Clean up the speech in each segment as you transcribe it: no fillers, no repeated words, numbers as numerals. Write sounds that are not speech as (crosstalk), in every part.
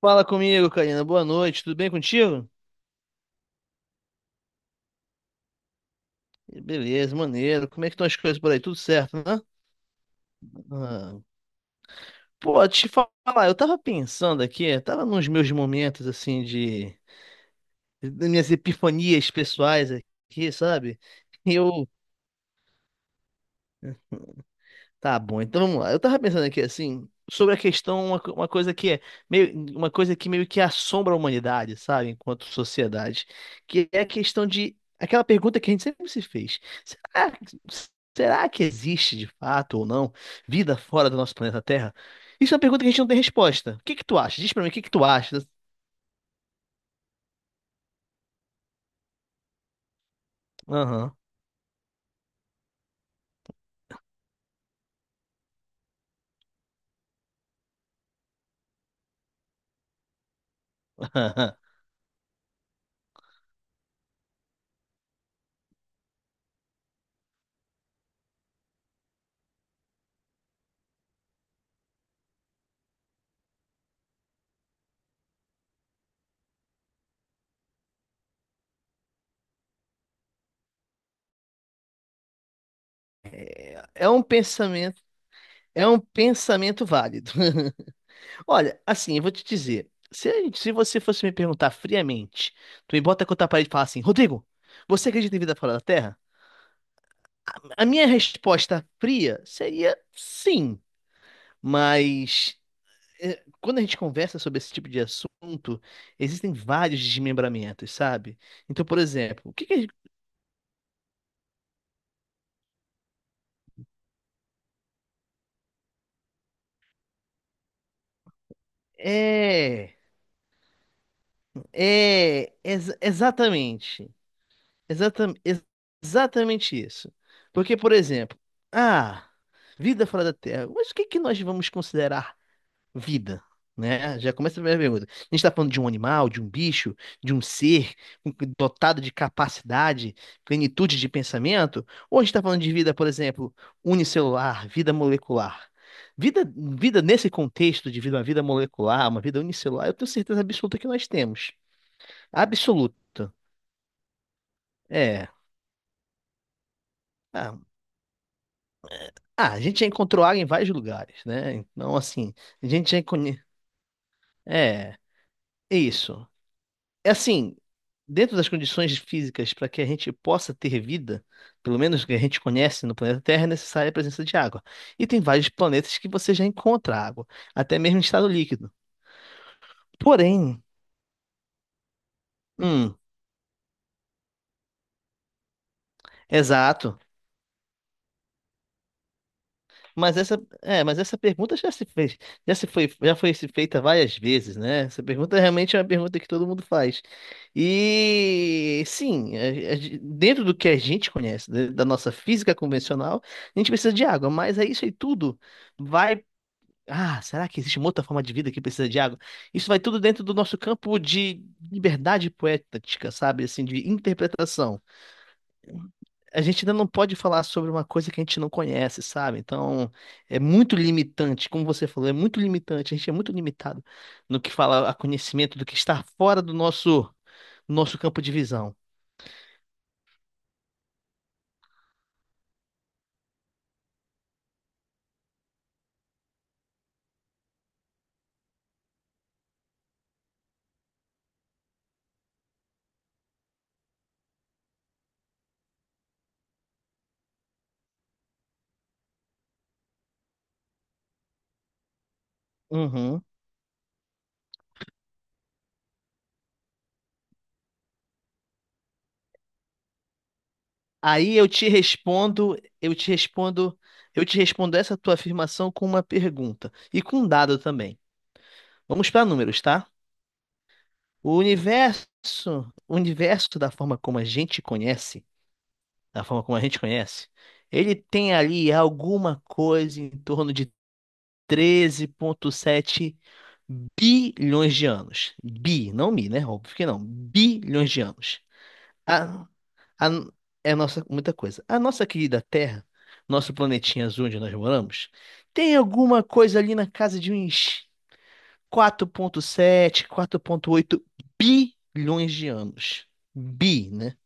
Fala comigo, Karina. Boa noite. Tudo bem contigo? Beleza, maneiro. Como é que estão as coisas por aí? Tudo certo, né? Ah, pô, te falar, eu tava pensando aqui, tava nos meus momentos assim de, das minhas epifanias pessoais aqui, sabe? Eu Tá bom, então vamos lá. Eu tava pensando aqui assim, sobre a questão, uma coisa que é uma coisa que meio que assombra a humanidade, sabe, enquanto sociedade, que é a questão de aquela pergunta que a gente sempre se fez. Será que existe de fato ou não vida fora do nosso planeta Terra? Isso é uma pergunta que a gente não tem resposta. O que que tu acha? Diz pra mim, o que que tu acha? Aham. (laughs) É um pensamento, é um pensamento válido. (laughs) Olha, assim, eu vou te dizer. Se, a gente- se você fosse me perguntar friamente, tu me bota contra a parede e fala assim, Rodrigo, você acredita em vida fora da Terra? A minha resposta fria seria sim, mas quando a gente conversa sobre esse tipo de assunto, existem vários desmembramentos, sabe? Então, por exemplo, o que que a gente- É, exatamente. Exatam, ex- exatamente isso. Porque, por exemplo, ah, vida fora da Terra. Mas o que que nós vamos considerar vida? Né? Já começa a primeira pergunta. A gente está falando de um animal, de um bicho, de um ser com- dotado de capacidade, plenitude de pensamento? Ou a gente está falando de vida, por exemplo, unicelular, vida molecular? Vida nesse contexto de vida, uma vida molecular, uma vida unicelular, eu tenho certeza absoluta que nós temos. Absoluta. É. Ah, Ah, a gente já encontrou água em vários lugares, né? Então, assim, a gente já conhece. É, é isso. É assim, dentro das condições físicas para que a gente possa ter vida, pelo menos que a gente conhece no planeta Terra, é necessária a presença de água. E tem vários planetas que você já encontra água, até mesmo em estado líquido. Porém, hum, exato. Mas mas essa pergunta já se fez, já se foi, já foi se feita várias vezes, né? Essa pergunta realmente é uma pergunta que todo mundo faz. E sim, dentro do que a gente conhece, né, da nossa física convencional, a gente precisa de água, mas é isso aí tudo vai. Ah, será que existe uma outra forma de vida que precisa de água? Isso vai tudo dentro do nosso campo de liberdade poética, sabe? Assim, de interpretação a gente ainda não pode falar sobre uma coisa que a gente não conhece, sabe? Então, é muito limitante, como você falou, é muito limitante. A gente é muito limitado no que fala a conhecimento do que está fora do nosso campo de visão. Uhum. Aí eu te respondo, eu te respondo essa tua afirmação com uma pergunta e com um dado também. Vamos para números, tá? O universo, o universo da forma como a gente conhece da forma como a gente conhece, ele tem ali alguma coisa em torno de 13,7 bilhões de anos. Bi, não mi, né? Óbvio que não. Bilhões de anos. A, a, é nossa, muita coisa. A nossa querida Terra, nosso planetinha azul onde nós moramos, tem alguma coisa ali na casa de uns 4,7, oito bilhões de anos. Bi, né?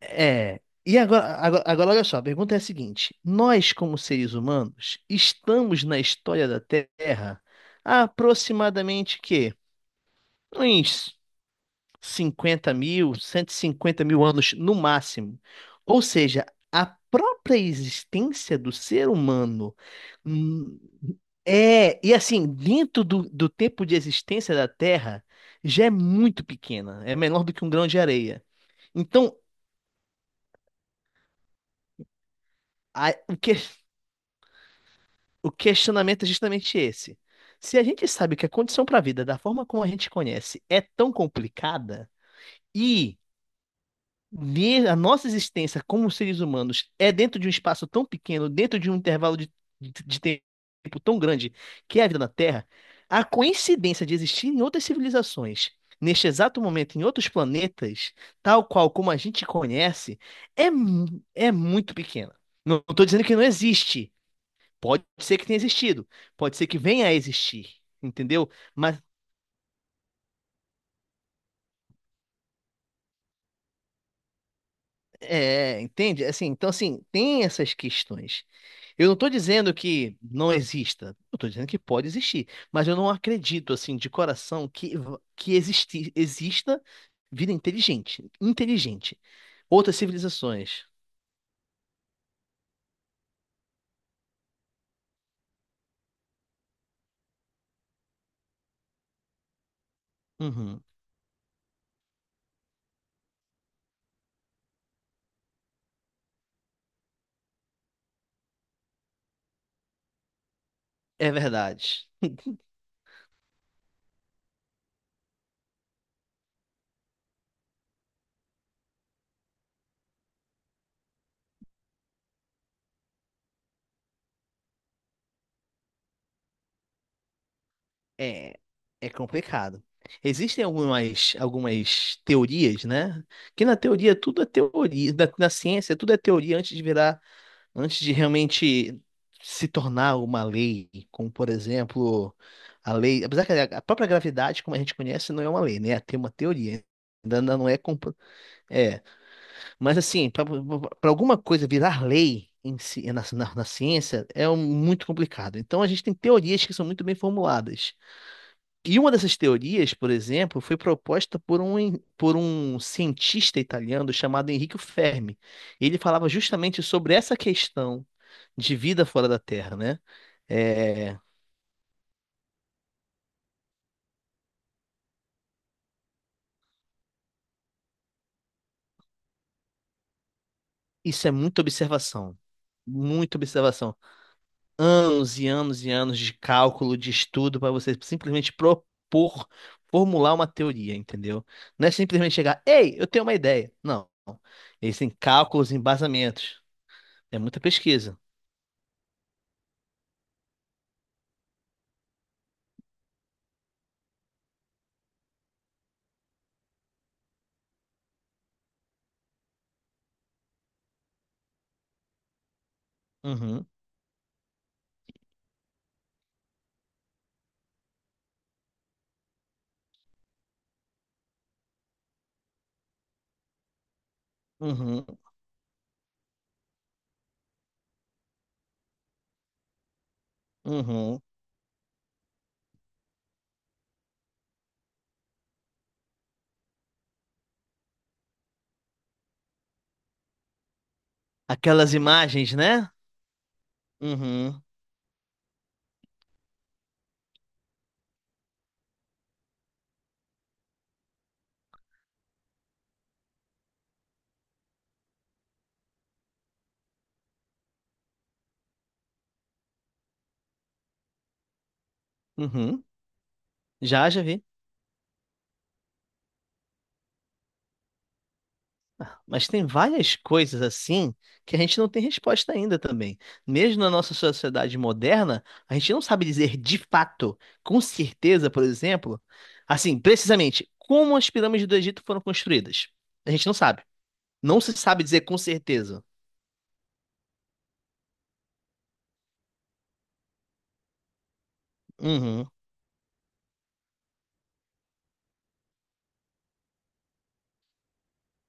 É. E agora, olha só, a pergunta é a seguinte: nós, como seres humanos, estamos na história da Terra há aproximadamente que uns 50 mil, 150 mil anos no máximo. Ou seja, a própria existência do ser humano hum, e assim, dentro do tempo de existência da Terra, já é muito pequena, é menor do que um grão de areia. Então, a- o que, o questionamento é justamente esse. Se a gente sabe que a condição para a vida, da forma como a gente conhece, é tão complicada, e a nossa existência como seres humanos é dentro de um espaço tão pequeno, dentro de um intervalo de tempo tão grande, que é a vida na Terra, a coincidência de existir em outras civilizações, neste exato momento, em outros planetas, tal qual como a gente conhece, é muito pequena. Não estou dizendo que não existe. Pode ser que tenha existido, pode ser que venha a existir, entendeu? Mas, é, entende? Então, tem essas questões. Eu não estou dizendo que não exista, eu estou dizendo que pode existir, mas eu não acredito, assim, de coração que exista vida inteligente. Outras civilizações. Uhum, é verdade. É, é complicado. Existem algumas teorias, né? Que na teoria tudo é teoria, na ciência tudo é teoria antes de virar, antes de realmente se tornar uma lei, como por exemplo, a lei, apesar que a própria gravidade, como a gente conhece, não é uma lei, né? Tem uma teoria, ainda não é, é, mas assim, para alguma coisa virar lei em si, na na ciência é muito complicado. Então a gente tem teorias que são muito bem formuladas. E uma dessas teorias, por exemplo, foi proposta por por um cientista italiano chamado Enrico Fermi. Ele falava justamente sobre essa questão de vida fora da Terra, né? É, isso é muita observação, muita observação. Anos e anos e anos de cálculo, de estudo, para você simplesmente propor, formular uma teoria, entendeu? Não é simplesmente chegar, ei, eu tenho uma ideia. Não. Eles têm cálculos, embasamentos. É muita pesquisa. Uhum. Uhum, uhum. Aquelas imagens, né? Uhum, uhum. Já vi. Ah, mas tem várias coisas assim que a gente não tem resposta ainda também. Mesmo na nossa sociedade moderna, a gente não sabe dizer de fato, com certeza, por exemplo, assim, precisamente, como as pirâmides do Egito foram construídas. A gente não sabe. Não se sabe dizer com certeza. Uhum,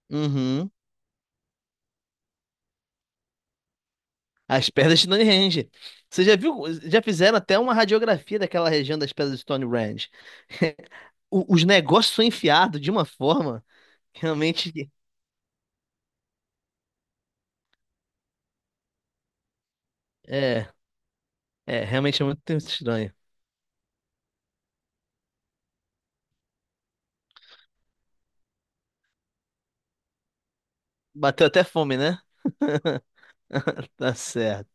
uhum. As pedras de Stonehenge. Você já viu? Já fizeram até uma radiografia daquela região das pedras de Stonehenge. Os negócios são enfiados de uma forma que- é, realmente é muito estranho. Bateu até fome, né? Tá certo.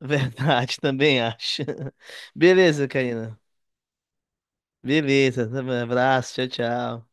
Verdade, (laughs) também acho. Beleza, Karina. Beleza. Um abraço, tchau, tchau.